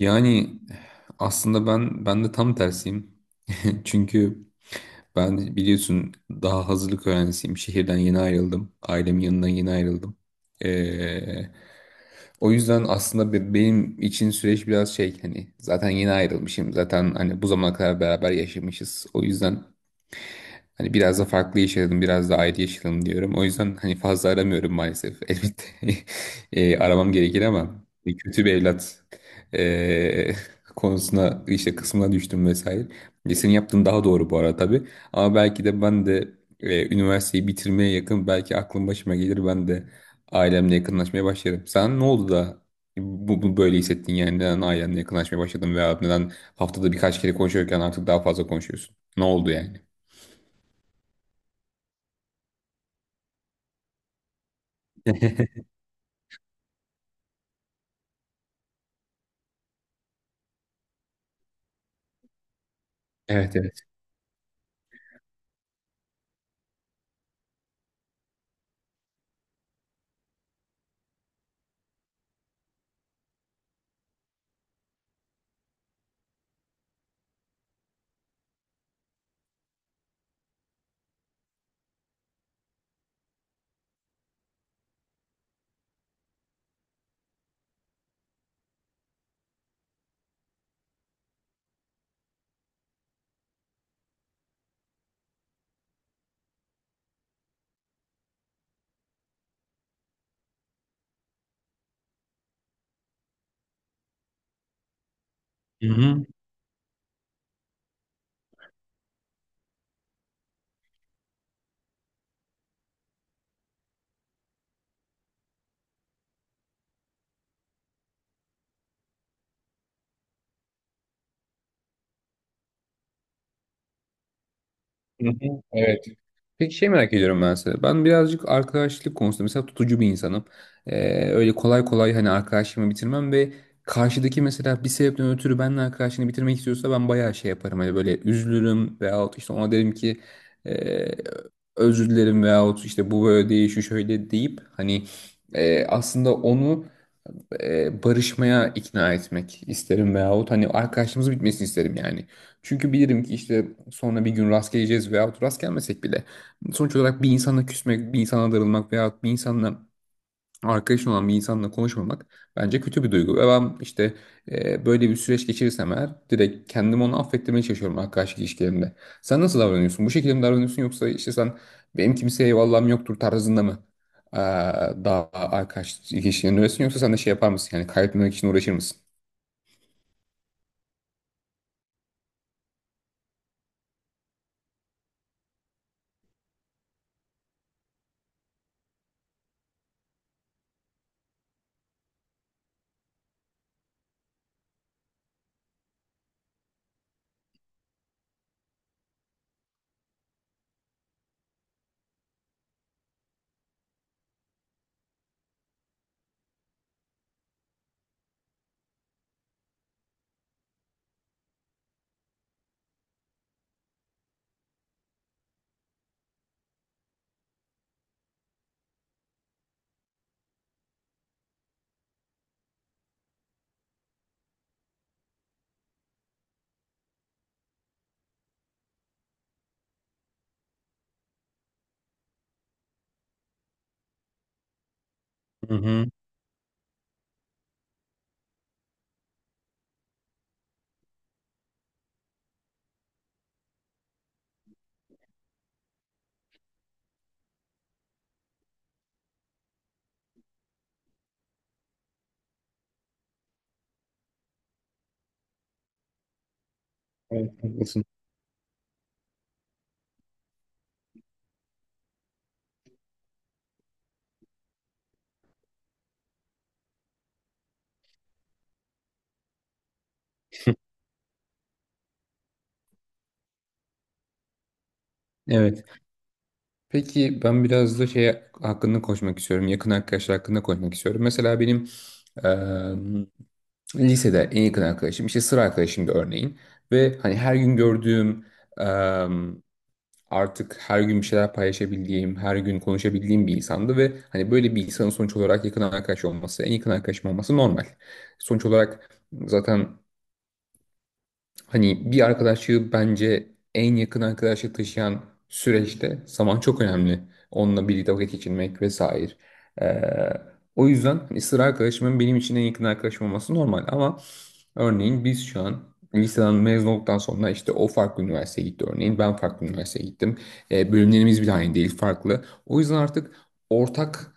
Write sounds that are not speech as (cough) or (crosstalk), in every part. Yani aslında ben de tam tersiyim. (laughs) Çünkü ben biliyorsun daha hazırlık öğrencisiyim. Şehirden yeni ayrıldım. Ailemin yanından yeni ayrıldım. Ee, O yüzden aslında benim için süreç biraz şey, hani zaten yeni ayrılmışım. Zaten hani bu zamana kadar beraber yaşamışız. O yüzden hani biraz da farklı yaşadım, biraz da ayrı yaşadım diyorum. O yüzden hani fazla aramıyorum maalesef. (laughs) Elbette aramam gerekir ama kötü bir evlat e, (laughs) konusuna, işte kısmına düştüm vesaire. E, senin yaptığın daha doğru bu arada tabii. Ama belki de ben de üniversiteyi bitirmeye yakın belki aklım başıma gelir, ben de ailemle yakınlaşmaya başlarım. Sen ne oldu da bu böyle hissettin, yani neden ailenle yakınlaşmaya başladın veya neden haftada birkaç kere konuşuyorken artık daha fazla konuşuyorsun? Ne oldu yani? (laughs) Evet, evet. Hı hı. Hı hı. Evet. Peki şey merak ediyorum ben size. Ben birazcık arkadaşlık konusunda mesela tutucu bir insanım. Öyle kolay kolay hani arkadaşlığımı bitirmem ve karşıdaki mesela bir sebepten ötürü benimle arkadaşlığını bitirmek istiyorsa ben bayağı şey yaparım. Hani böyle üzülürüm veyahut işte ona derim ki e, özür dilerim, veyahut işte bu böyle değil şu şöyle deyip hani aslında onu barışmaya ikna etmek isterim veyahut hani arkadaşlığımız bitmesini isterim yani. Çünkü bilirim ki işte sonra bir gün rast geleceğiz veyahut rast gelmesek bile sonuç olarak bir insana küsmek, bir insana darılmak veyahut bir insanla, arkadaşın olan bir insanla konuşmamak bence kötü bir duygu. Ve ben işte böyle bir süreç geçirirsem eğer direkt kendimi onu affettirmeye çalışıyorum arkadaşlık ilişkilerimde. Sen nasıl davranıyorsun? Bu şekilde mi davranıyorsun yoksa işte sen benim kimseye eyvallahım yoktur tarzında mı e, daha arkadaşlık ilişkilerinde öylesin, yoksa sen de şey yapar mısın? Yani kaybetmemek için uğraşır mısın? Hı hı. Evet, haklısın. Evet. Peki ben biraz da şey hakkında konuşmak istiyorum. Yakın arkadaşlar hakkında konuşmak istiyorum. Mesela benim eee, lisede en yakın arkadaşım işte sıra arkadaşımdı örneğin. Ve hani her gün gördüğüm, eee, artık her gün bir şeyler paylaşabildiğim, her gün konuşabildiğim bir insandı ve hani böyle bir insanın sonuç olarak yakın arkadaş olması, en yakın arkadaşım olması normal. Sonuç olarak zaten hani bir arkadaşlığı bence en yakın arkadaşlık taşıyan süreçte zaman çok önemli. Onunla birlikte vakit geçirmek vesaire. Ee, O yüzden hani sıra arkadaşımın benim için en yakın arkadaşım olması normal. Ama örneğin biz şu an liseden mezun olduktan sonra işte o farklı üniversiteye gitti örneğin. Ben farklı üniversiteye gittim. Bölümlerimiz bile aynı değil, farklı. O yüzden artık ortak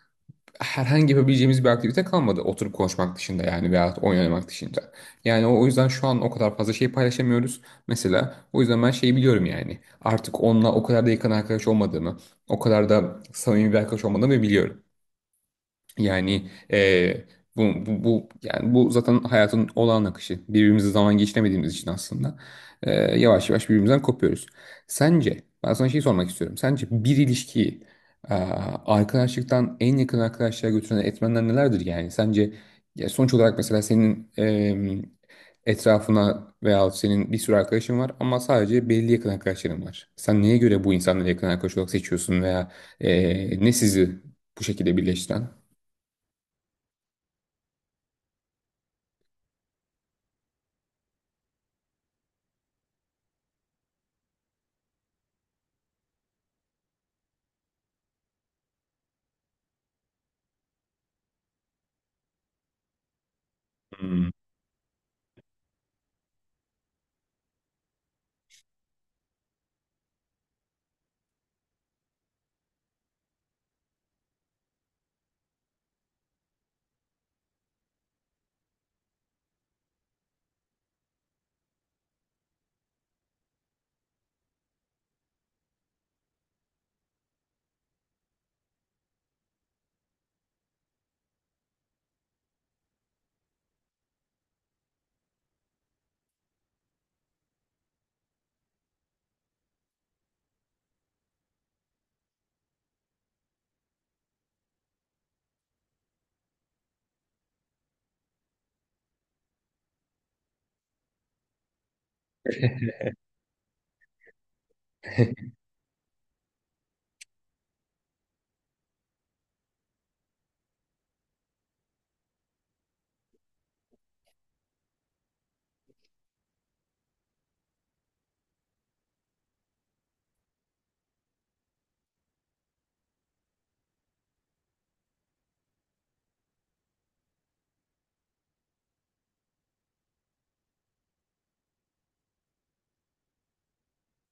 herhangi yapabileceğimiz bir aktivite kalmadı. Oturup konuşmak dışında yani, veyahut oyun oynamak dışında. Yani o yüzden şu an o kadar fazla şey paylaşamıyoruz. Mesela o yüzden ben şeyi biliyorum yani. Artık onunla o kadar da yakın arkadaş olmadığımı, o kadar da samimi bir arkadaş olmadığımı biliyorum. Yani bu yani bu zaten hayatın olağan akışı. Birbirimizi zaman geçiremediğimiz için aslında eee, yavaş yavaş birbirimizden kopuyoruz. Sence, ben sana şey sormak istiyorum. Sence bir ilişkiyi eee, arkadaşlıktan en yakın arkadaşlığa götüren etmenler nelerdir yani? Sence ya sonuç olarak mesela senin etrafına veya senin bir sürü arkadaşın var ama sadece belli yakın arkadaşların var. Sen neye göre bu insanları yakın arkadaş olarak seçiyorsun veya ne sizi bu şekilde birleştiren? Hmm.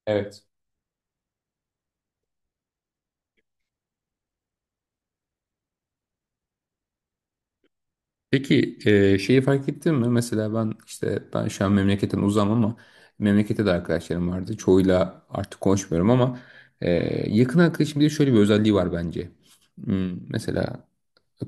Evet. Peki şeyi fark ettin mi? Mesela ben işte ben şu an memleketten uzam ama memlekette de arkadaşlarım vardı. Çoğuyla artık konuşmuyorum ama e, yakın arkadaşım diye şöyle bir özelliği var bence. Hmm, mesela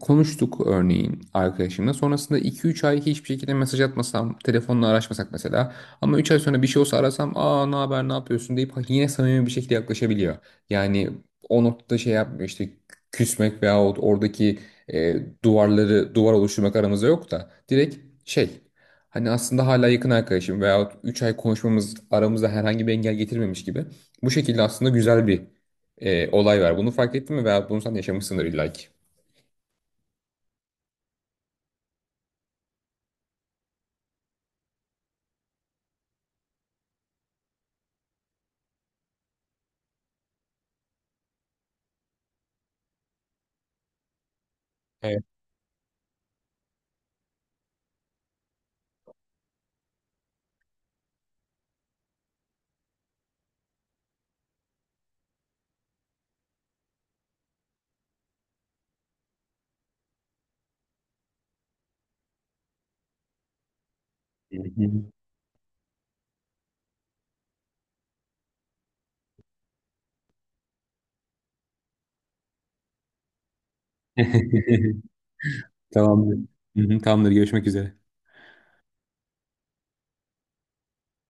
konuştuk örneğin arkadaşımla. Sonrasında iki üç ay hiçbir şekilde mesaj atmasam, telefonla araşmasak mesela. Ama 3 ay sonra bir şey olsa arasam, aa ne haber, ne yapıyorsun deyip yine samimi bir şekilde yaklaşabiliyor. Yani o noktada şey yapmıyor, işte küsmek veyahut oradaki e, duvar oluşturmak aramızda yok da direkt şey, hani aslında hala yakın arkadaşım veyahut 3 ay konuşmamız aramızda herhangi bir engel getirmemiş gibi. Bu şekilde aslında güzel bir olay var. Bunu fark ettin mi veyahut bunu sen yaşamışsındır illa ki. Hı hı. (laughs) Tamamdır. Hı hı, tamamdır. Görüşmek üzere.